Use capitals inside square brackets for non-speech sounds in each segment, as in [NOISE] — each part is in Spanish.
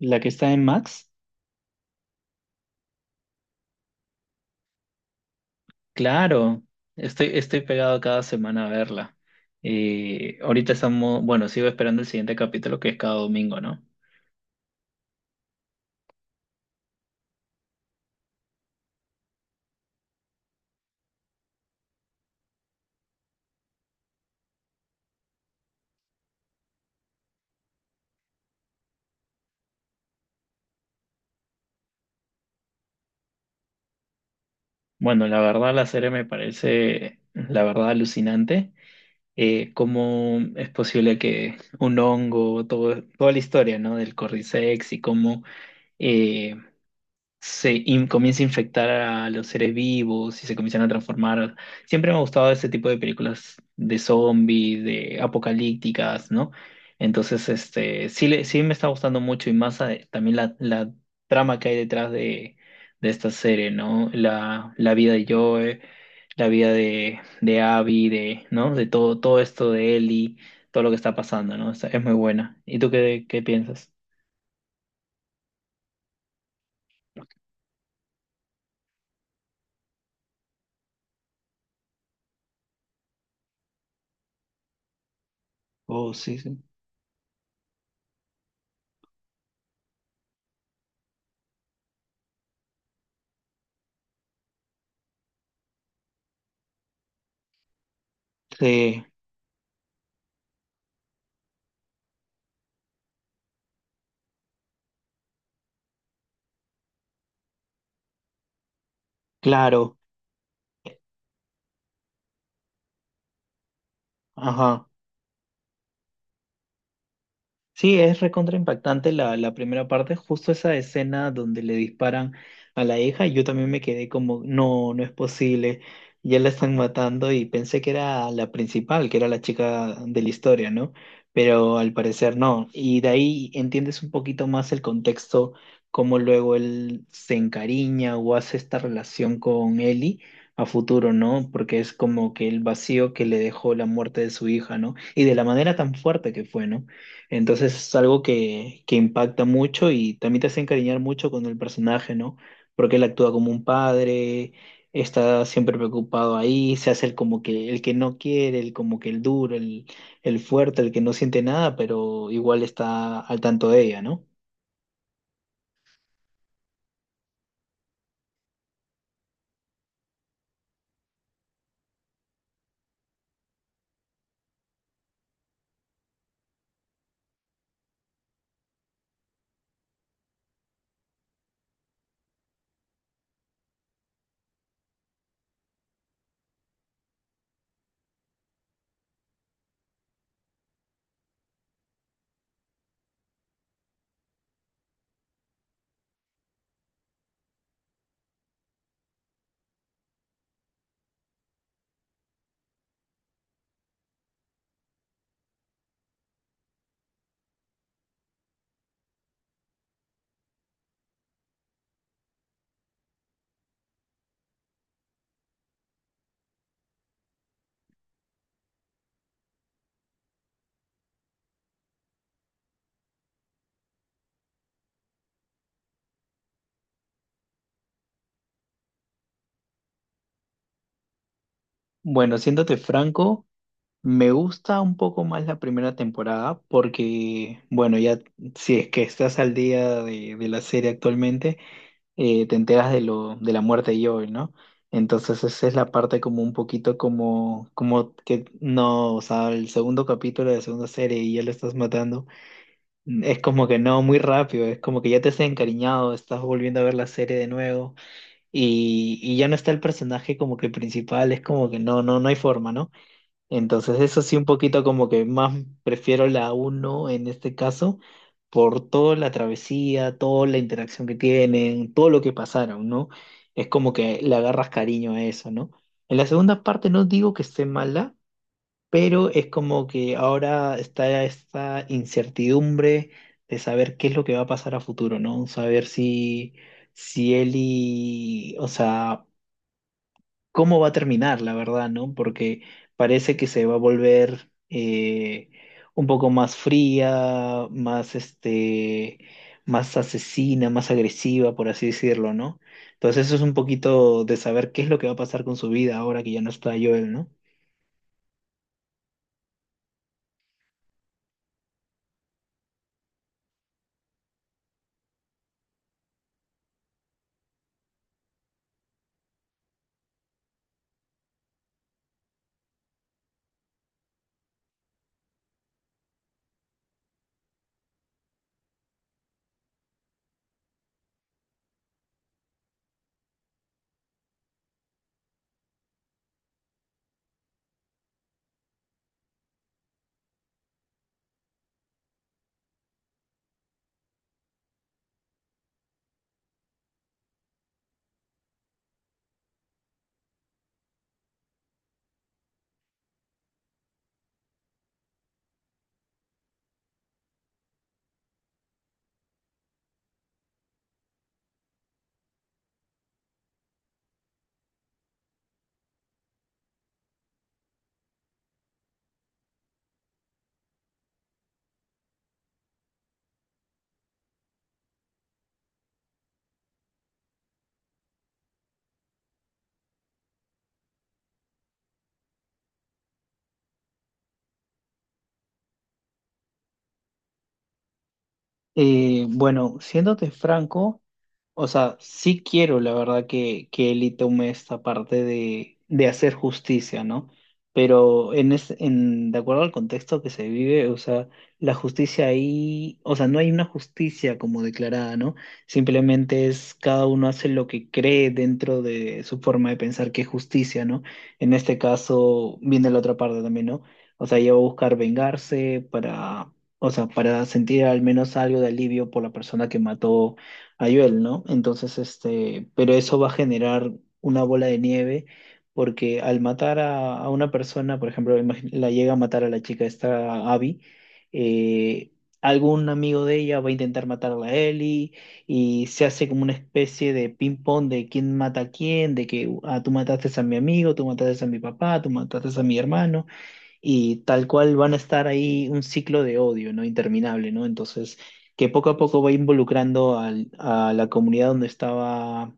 La que está en Max, claro, estoy pegado cada semana a verla. Y ahorita estamos, bueno, sigo esperando el siguiente capítulo que es cada domingo, ¿no? Bueno, la verdad la serie me parece, la verdad, alucinante. ¿Cómo es posible que un hongo, todo, toda la historia, ¿no? Del Cordyceps y cómo eh, comienza a infectar a los seres vivos y se comienzan a transformar. Siempre me ha gustado ese tipo de películas de zombies, de apocalípticas, ¿no? Entonces, este, sí, sí me está gustando mucho y más también la trama que hay detrás de esta serie, ¿no? La vida de Joe, la vida de Abby, de, ¿no? De todo, todo esto de Ellie, todo lo que está pasando, ¿no? Es muy buena. ¿Y tú qué, qué piensas? Oh, sí, sí. Sí, claro. Ajá. Sí, es recontra impactante la, la primera parte, justo esa escena donde le disparan a la hija. Yo también me quedé como, no, no es posible, ya la están matando, y pensé que era la principal, que era la chica de la historia, ¿no? Pero al parecer no, y de ahí entiendes un poquito más el contexto, cómo luego él se encariña o hace esta relación con Ellie a futuro, ¿no? Porque es como que el vacío que le dejó la muerte de su hija, ¿no? Y de la manera tan fuerte que fue, ¿no? Entonces es algo que impacta mucho y también te hace encariñar mucho con el personaje, ¿no? Porque él actúa como un padre, está siempre preocupado ahí, se hace el como que el que no quiere, el como que el duro, el fuerte, el que no siente nada, pero igual está al tanto de ella, ¿no? Bueno, siéndote franco, me gusta un poco más la primera temporada porque, bueno, ya si es que estás al día de la serie actualmente te enteras de lo, de la muerte de Joel, ¿no? Entonces esa es la parte como un poquito como, como que no, o sea, el segundo capítulo de la segunda serie y ya lo estás matando, es como que no, muy rápido, es como que ya te has encariñado, estás volviendo a ver la serie de nuevo y ya no está el personaje como que principal, es como que no, no, no hay forma, ¿no? Entonces, eso sí, un poquito como que más prefiero la uno en este caso, por toda la travesía, toda la interacción que tienen, todo lo que pasaron, ¿no? Es como que le agarras cariño a eso, ¿no? En la segunda parte no digo que esté mala, pero es como que ahora está esta incertidumbre de saber qué es lo que va a pasar a futuro, ¿no? Saber si, si Ellie, o sea, cómo va a terminar, la verdad, ¿no? Porque parece que se va a volver un poco más fría, más este, más asesina, más agresiva, por así decirlo, ¿no? Entonces eso es un poquito de saber qué es lo que va a pasar con su vida ahora que ya no está Joel, ¿no? Bueno, siéndote franco. O sea, sí quiero, la verdad, que Eli tome esta parte de hacer justicia, ¿no? Pero en es, en, de acuerdo al contexto que se vive, o sea, la justicia ahí, o sea, no hay una justicia como declarada, ¿no? Simplemente es cada uno hace lo que cree dentro de su forma de pensar que es justicia, ¿no? En este caso viene la otra parte también, ¿no? O sea, ella va a buscar vengarse para, o sea, para sentir al menos algo de alivio por la persona que mató Ayuel, ¿no? Entonces, este, pero eso va a generar una bola de nieve porque al matar a una persona, por ejemplo, la llega a matar a la chica esta Abby, eh, algún amigo de ella va a intentar matar a la Ellie y se hace como una especie de ping-pong de quién mata a quién, de que ah, tú mataste a mi amigo, tú mataste a mi papá, tú mataste a mi hermano y tal cual van a estar ahí un ciclo de odio, ¿no? Interminable, ¿no? Entonces, que poco a poco va involucrando a la comunidad donde estaba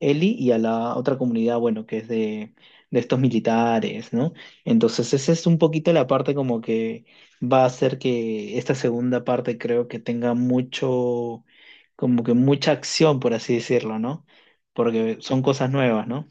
Eli y a la otra comunidad, bueno, que es de estos militares, ¿no? Entonces, esa es un poquito la parte como que va a hacer que esta segunda parte creo que tenga mucho, como que mucha acción, por así decirlo, ¿no? Porque son cosas nuevas, ¿no?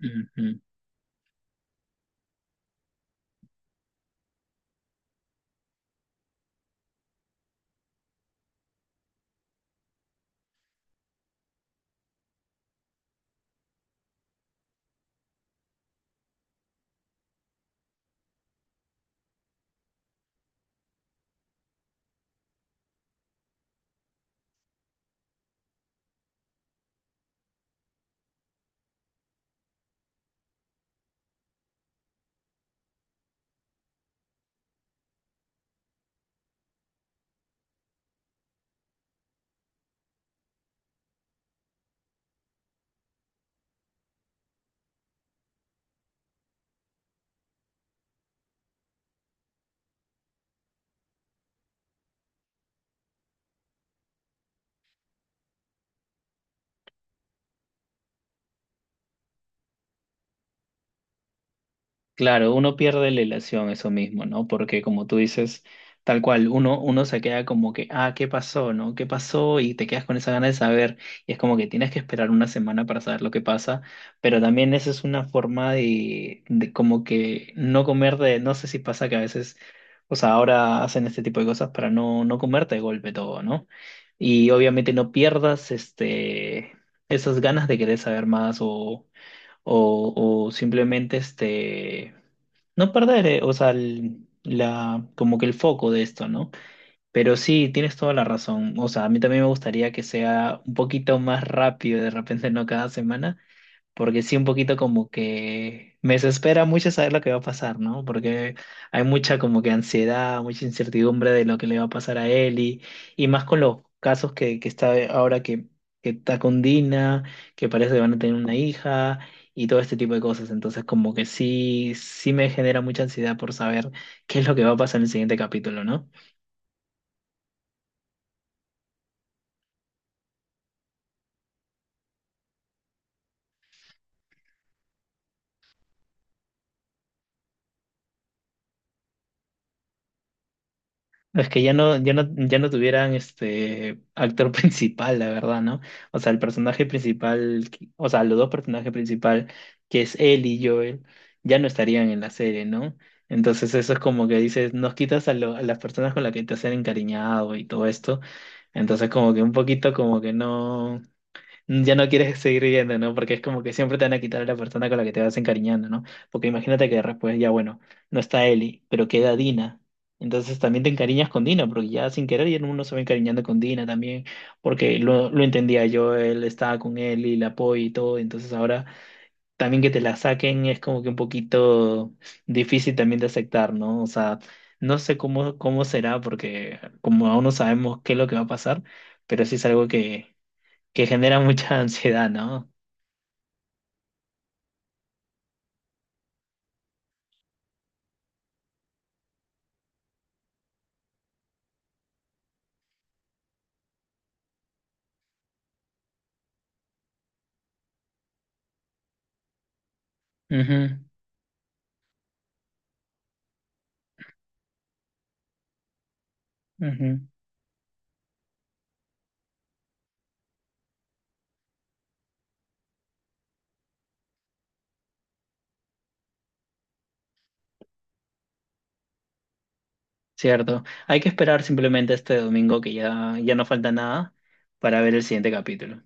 Ujú. Claro, uno pierde la ilación, eso mismo, ¿no? Porque como tú dices, tal cual, uno, uno se queda como que, ah, ¿qué pasó, no? ¿Qué pasó? Y te quedas con esa gana de saber. Y es como que tienes que esperar una semana para saber lo que pasa. Pero también esa es una forma de como que no comer de, no sé si pasa que a veces, o sea, ahora hacen este tipo de cosas para no, no comerte de golpe todo, ¿no? Y obviamente no pierdas este, esas ganas de querer saber más o, o simplemente este no perder, o sea, la, como que el foco de esto, ¿no? Pero sí, tienes toda la razón. O sea, a mí también me gustaría que sea un poquito más rápido, de repente no cada semana, porque sí un poquito como que me desespera mucho saber lo que va a pasar, ¿no? Porque hay mucha como que ansiedad, mucha incertidumbre de lo que le va a pasar a él y más con los casos que está ahora que está con Dina, que parece que van a tener una hija y todo este tipo de cosas. Entonces como que sí, sí me genera mucha ansiedad por saber qué es lo que va a pasar en el siguiente capítulo, ¿no? Es que ya no, ya no, ya no tuvieran este actor [LAUGHS] principal, la verdad, ¿no? O sea, el personaje principal, o sea, los dos personajes principales, que es él y Joel, ya no estarían en la serie, ¿no? Entonces eso es como que dices, nos quitas a, a las personas con las que te has encariñado y todo esto. Entonces como que un poquito como que no ya no quieres [LAUGHS] seguir viviendo, ¿no? Porque es como que siempre te van a quitar a la persona con la que te vas encariñando, ¿no? Porque imagínate que después ya, bueno, no está Eli, pero queda Dina. Entonces también te encariñas con Dina, porque ya sin querer ya uno se va encariñando con Dina también, porque lo entendía yo, él estaba con Eli, la apoyo y todo, entonces ahora también que te la saquen es como que un poquito difícil también de aceptar, ¿no? O sea, no sé cómo, cómo será, porque como aún no sabemos qué es lo que va a pasar, pero sí es algo que genera mucha [LAUGHS] ansiedad, ¿no? Ujú, ujú. Cierto. Hay que esperar simplemente este domingo que ya, ya no falta nada para ver el siguiente capítulo.